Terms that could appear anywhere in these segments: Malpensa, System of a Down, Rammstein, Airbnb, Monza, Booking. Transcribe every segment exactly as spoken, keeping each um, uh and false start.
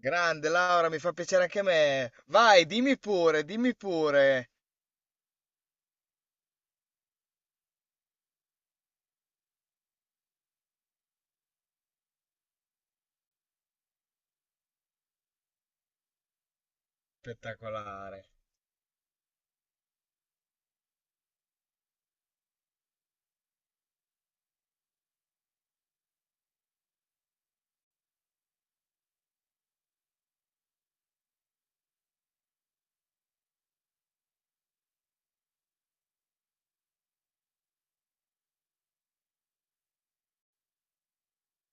Grande Laura, mi fa piacere anche a me. Vai, dimmi pure, dimmi pure. Spettacolare.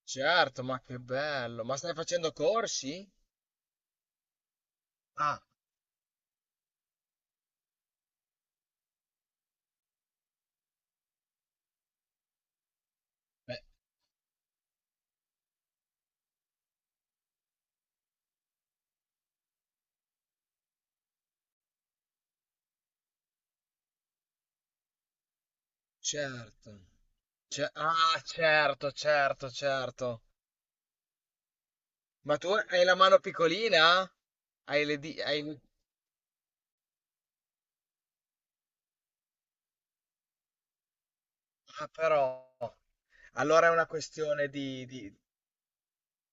Certo, ma che bello. Ma stai facendo corsi? Ah, beh, certo. Ce- ah, certo, certo, certo. Ma tu hai la mano piccolina? Hai le di... hai- Ah, però. Allora è una questione di, di...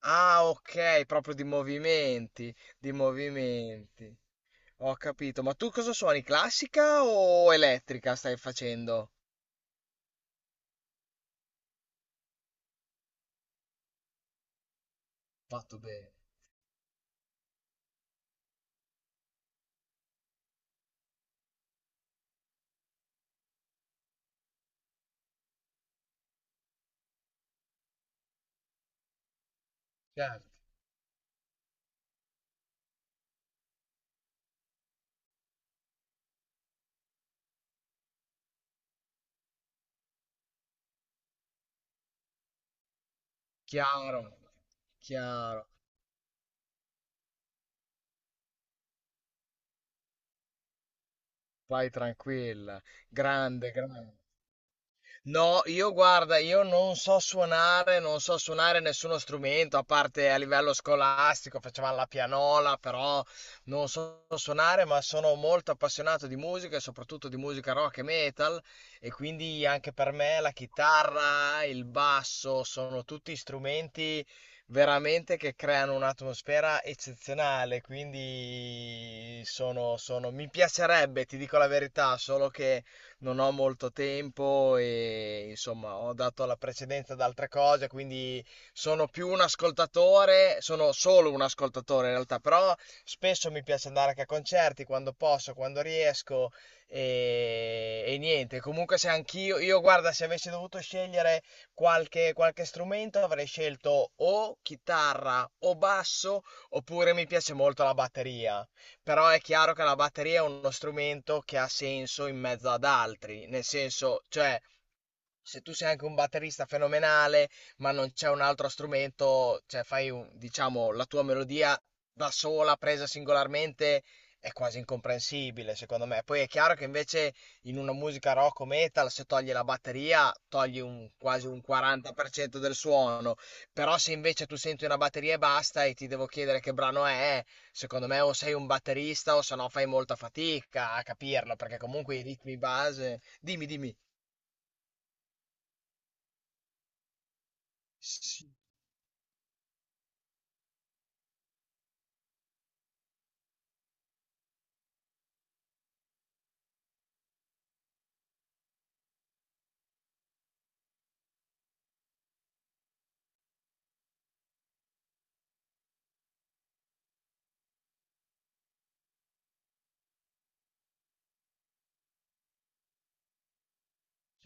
Ah, ok, proprio di movimenti, di movimenti. Ho capito, ma tu cosa suoni? Classica o elettrica stai facendo? Fatto bene. Certo. Chiaro, chiaro. Vai tranquilla. Grande, grande. No, io guarda, io non so suonare, non so suonare nessuno strumento, a parte a livello scolastico, facevamo la pianola, però non so suonare, ma sono molto appassionato di musica e soprattutto di musica rock e metal e quindi anche per me la chitarra, il basso sono tutti strumenti veramente che creano un'atmosfera eccezionale, quindi sono, sono, mi piacerebbe, ti dico la verità, solo che non ho molto tempo e insomma ho dato la precedenza ad altre cose, quindi sono più un ascoltatore, sono solo un ascoltatore in realtà, però spesso mi piace andare anche a concerti quando posso, quando riesco e, e niente, comunque se anch'io, io guarda, se avessi dovuto scegliere qualche, qualche strumento avrei scelto o chitarra o basso oppure mi piace molto la batteria. Però è chiaro che la batteria è uno strumento che ha senso in mezzo ad altri, nel senso, cioè, se tu sei anche un batterista fenomenale, ma non c'è un altro strumento, cioè fai un- diciamo, la tua melodia da sola, presa singolarmente, è quasi incomprensibile, secondo me. Poi è chiaro che invece in una musica rock o metal, se togli la batteria, togli un- quasi un quaranta per cento del suono. Però se invece tu senti una batteria e basta e ti devo chiedere che brano è, secondo me o sei un batterista o se no fai molta fatica a capirlo, perché comunque i ritmi base... Dimmi, dimmi.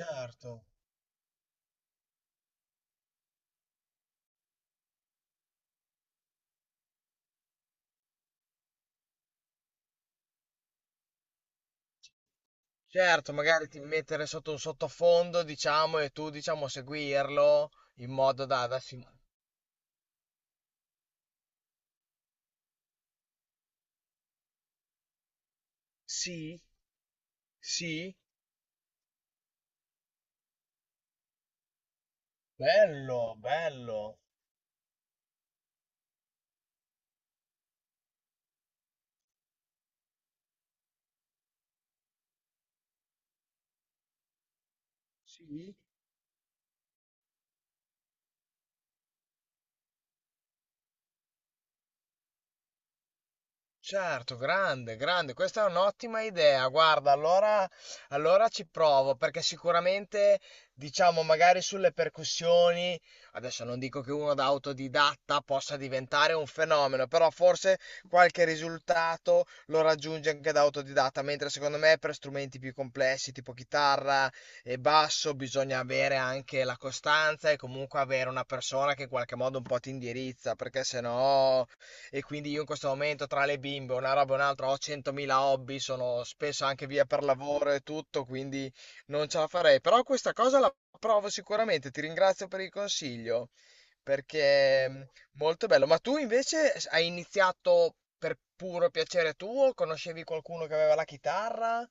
Certo. Certo, magari ti mettere sotto un sottofondo, diciamo, e tu, diciamo, seguirlo in modo da... da sim- Sì, sì, Bello, bello. Sì. Certo, grande, grande, questa è un'ottima idea. Guarda, allora, allora ci provo perché sicuramente, diciamo, magari sulle percussioni, adesso non dico che uno da autodidatta possa diventare un fenomeno, però forse qualche risultato lo raggiunge anche da autodidatta, mentre secondo me per strumenti più complessi, tipo chitarra e basso, bisogna avere anche la costanza e comunque avere una persona che in qualche modo un po' ti indirizza, perché sennò e quindi io in questo momento tra le bimbe, una roba e un'altra, ho centomila hobby, sono spesso anche via per lavoro e tutto, quindi non ce la farei. Però questa cosa la provo sicuramente, ti ringrazio per il consiglio, perché mm, molto bello. Ma tu invece s- hai iniziato per puro piacere tuo? Conoscevi qualcuno che aveva la chitarra?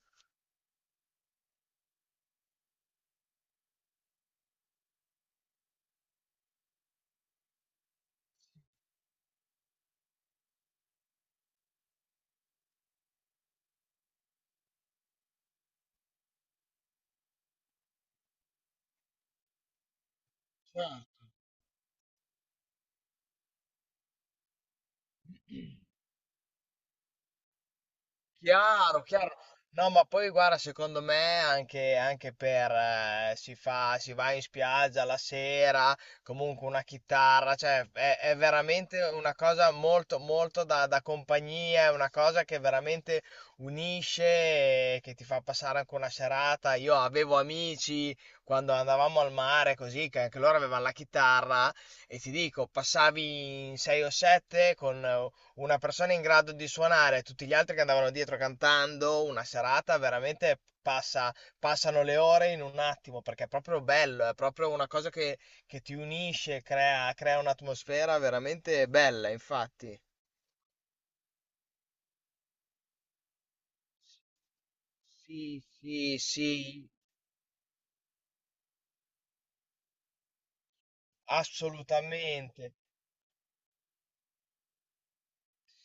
Chiaro, chiaro. No, ma poi guarda, secondo me anche, anche per eh, si fa, si va in spiaggia la sera, comunque una chitarra, cioè è, è veramente una cosa molto, molto da, da compagnia, è una cosa che veramente unisce e che ti fa passare anche una serata. Io avevo amici quando andavamo al mare così, che anche loro avevano la chitarra e ti dico, passavi in sei o sette con eh, una persona in grado di suonare, tutti gli altri che andavano dietro cantando, una serata veramente passa, passano le ore in un attimo, perché è proprio bello, è proprio una cosa che, che ti unisce, crea, crea un'atmosfera veramente bella, infatti. Sì, sì, sì, assolutamente.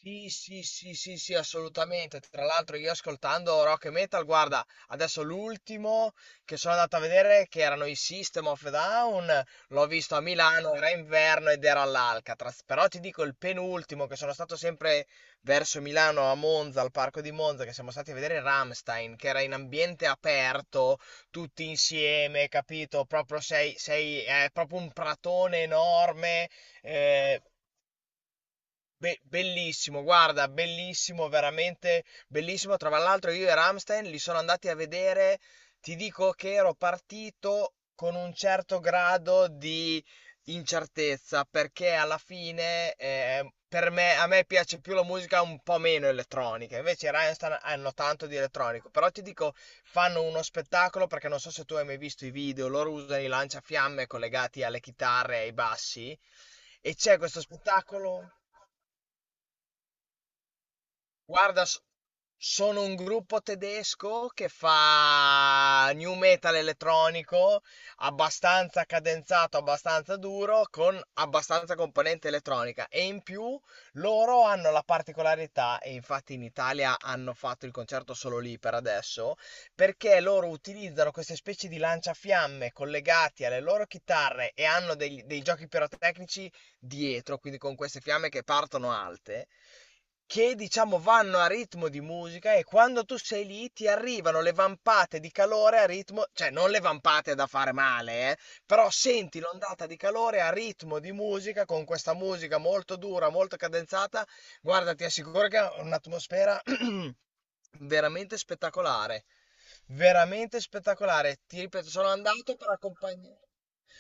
Sì, sì, sì, sì, sì, assolutamente. Tra l'altro io ascoltando rock e metal, guarda, adesso l'ultimo che sono andato a vedere, che erano i System of a Down, l'ho visto a Milano, era inverno ed era all'Alcatraz. Però ti dico il penultimo, che sono stato sempre verso Milano, a Monza, al parco di Monza, che siamo stati a vedere Rammstein, che era in ambiente aperto, tutti insieme, capito? Proprio sei, sei, è proprio un pratone enorme. Eh, Be- bellissimo, guarda, bellissimo, veramente bellissimo. Tra l'altro io e Ramstein li sono andati a vedere, ti dico che ero partito con un certo grado di incertezza, perché alla fine eh, per me, a me piace più la musica un po' meno elettronica, invece i Rammstein hanno tanto di elettronico, però ti dico, fanno uno spettacolo perché non so se tu hai mai visto i video, loro usano i lanciafiamme collegati alle chitarre e ai bassi e c'è questo spettacolo... Guarda, s- sono un gruppo tedesco che fa new metal elettronico, abbastanza cadenzato, abbastanza duro, con abbastanza componente elettronica. E in più loro hanno la particolarità, e infatti in Italia hanno fatto il concerto solo lì per adesso, perché loro utilizzano queste specie di lanciafiamme collegati alle loro chitarre e hanno dei, dei giochi pirotecnici dietro, quindi con queste fiamme che partono alte che diciamo vanno a ritmo di musica e quando tu sei lì ti arrivano le vampate di calore a ritmo, cioè non le vampate da fare male, eh, però senti l'ondata di calore a ritmo di musica con questa musica molto dura, molto cadenzata, guarda, ti assicuro che è un'atmosfera veramente spettacolare, veramente spettacolare. Ti ripeto, sono andato per accompagnare.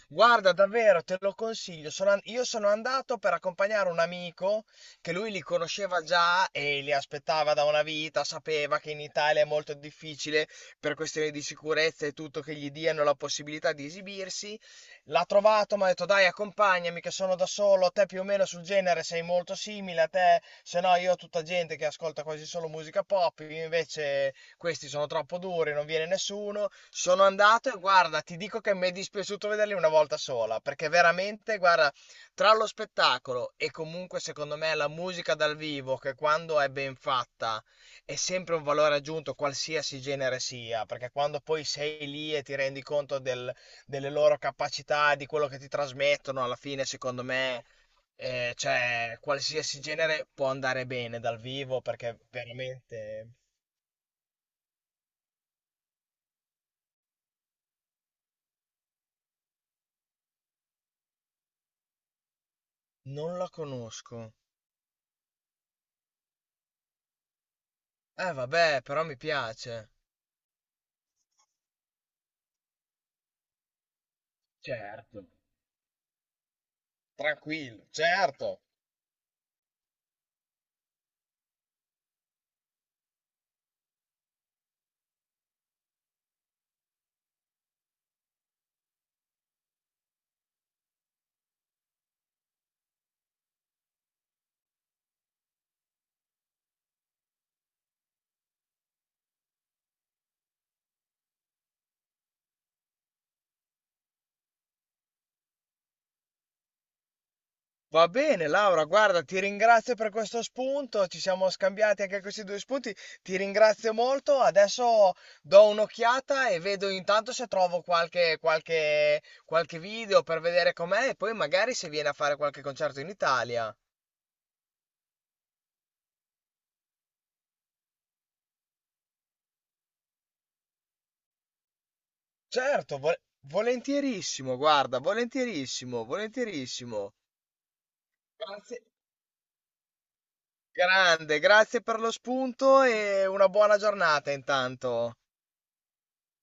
Guarda, davvero, te lo consiglio. Sono an- io sono andato per accompagnare un amico che lui li conosceva già e li aspettava da una vita, sapeva che in Italia è molto difficile per questioni di sicurezza e tutto che gli diano la possibilità di esibirsi. L'ha trovato, mi ha detto dai, accompagnami che sono da solo, te più o meno sul genere sei molto simile a te, se no io ho tutta gente che ascolta quasi solo musica pop, io invece questi sono troppo duri, non viene nessuno. Sono andato e guarda, ti dico che mi è dispiaciuto vederli una volta sola, perché veramente, guarda, tra lo spettacolo e comunque secondo me la musica dal vivo, che quando è ben fatta è sempre un valore aggiunto, qualsiasi genere sia, perché quando poi sei lì e ti rendi conto del- delle loro capacità, di quello che ti trasmettono, alla fine, secondo me... Eh, cioè, qualsiasi genere può andare bene dal vivo perché veramente. Non la conosco. Eh vabbè, però mi piace. Certo. Tranquillo, certo. Va bene, Laura, guarda, ti ringrazio per questo spunto, ci siamo scambiati anche questi due spunti, ti ringrazio molto, adesso do un'occhiata e vedo intanto se trovo qualche, qualche, qualche video per vedere com'è e poi magari se viene a fare qualche concerto in Italia. Certo, vo- volentierissimo, guarda, volentierissimo, volentierissimo. Grazie, grande, grazie per lo spunto e una buona giornata intanto.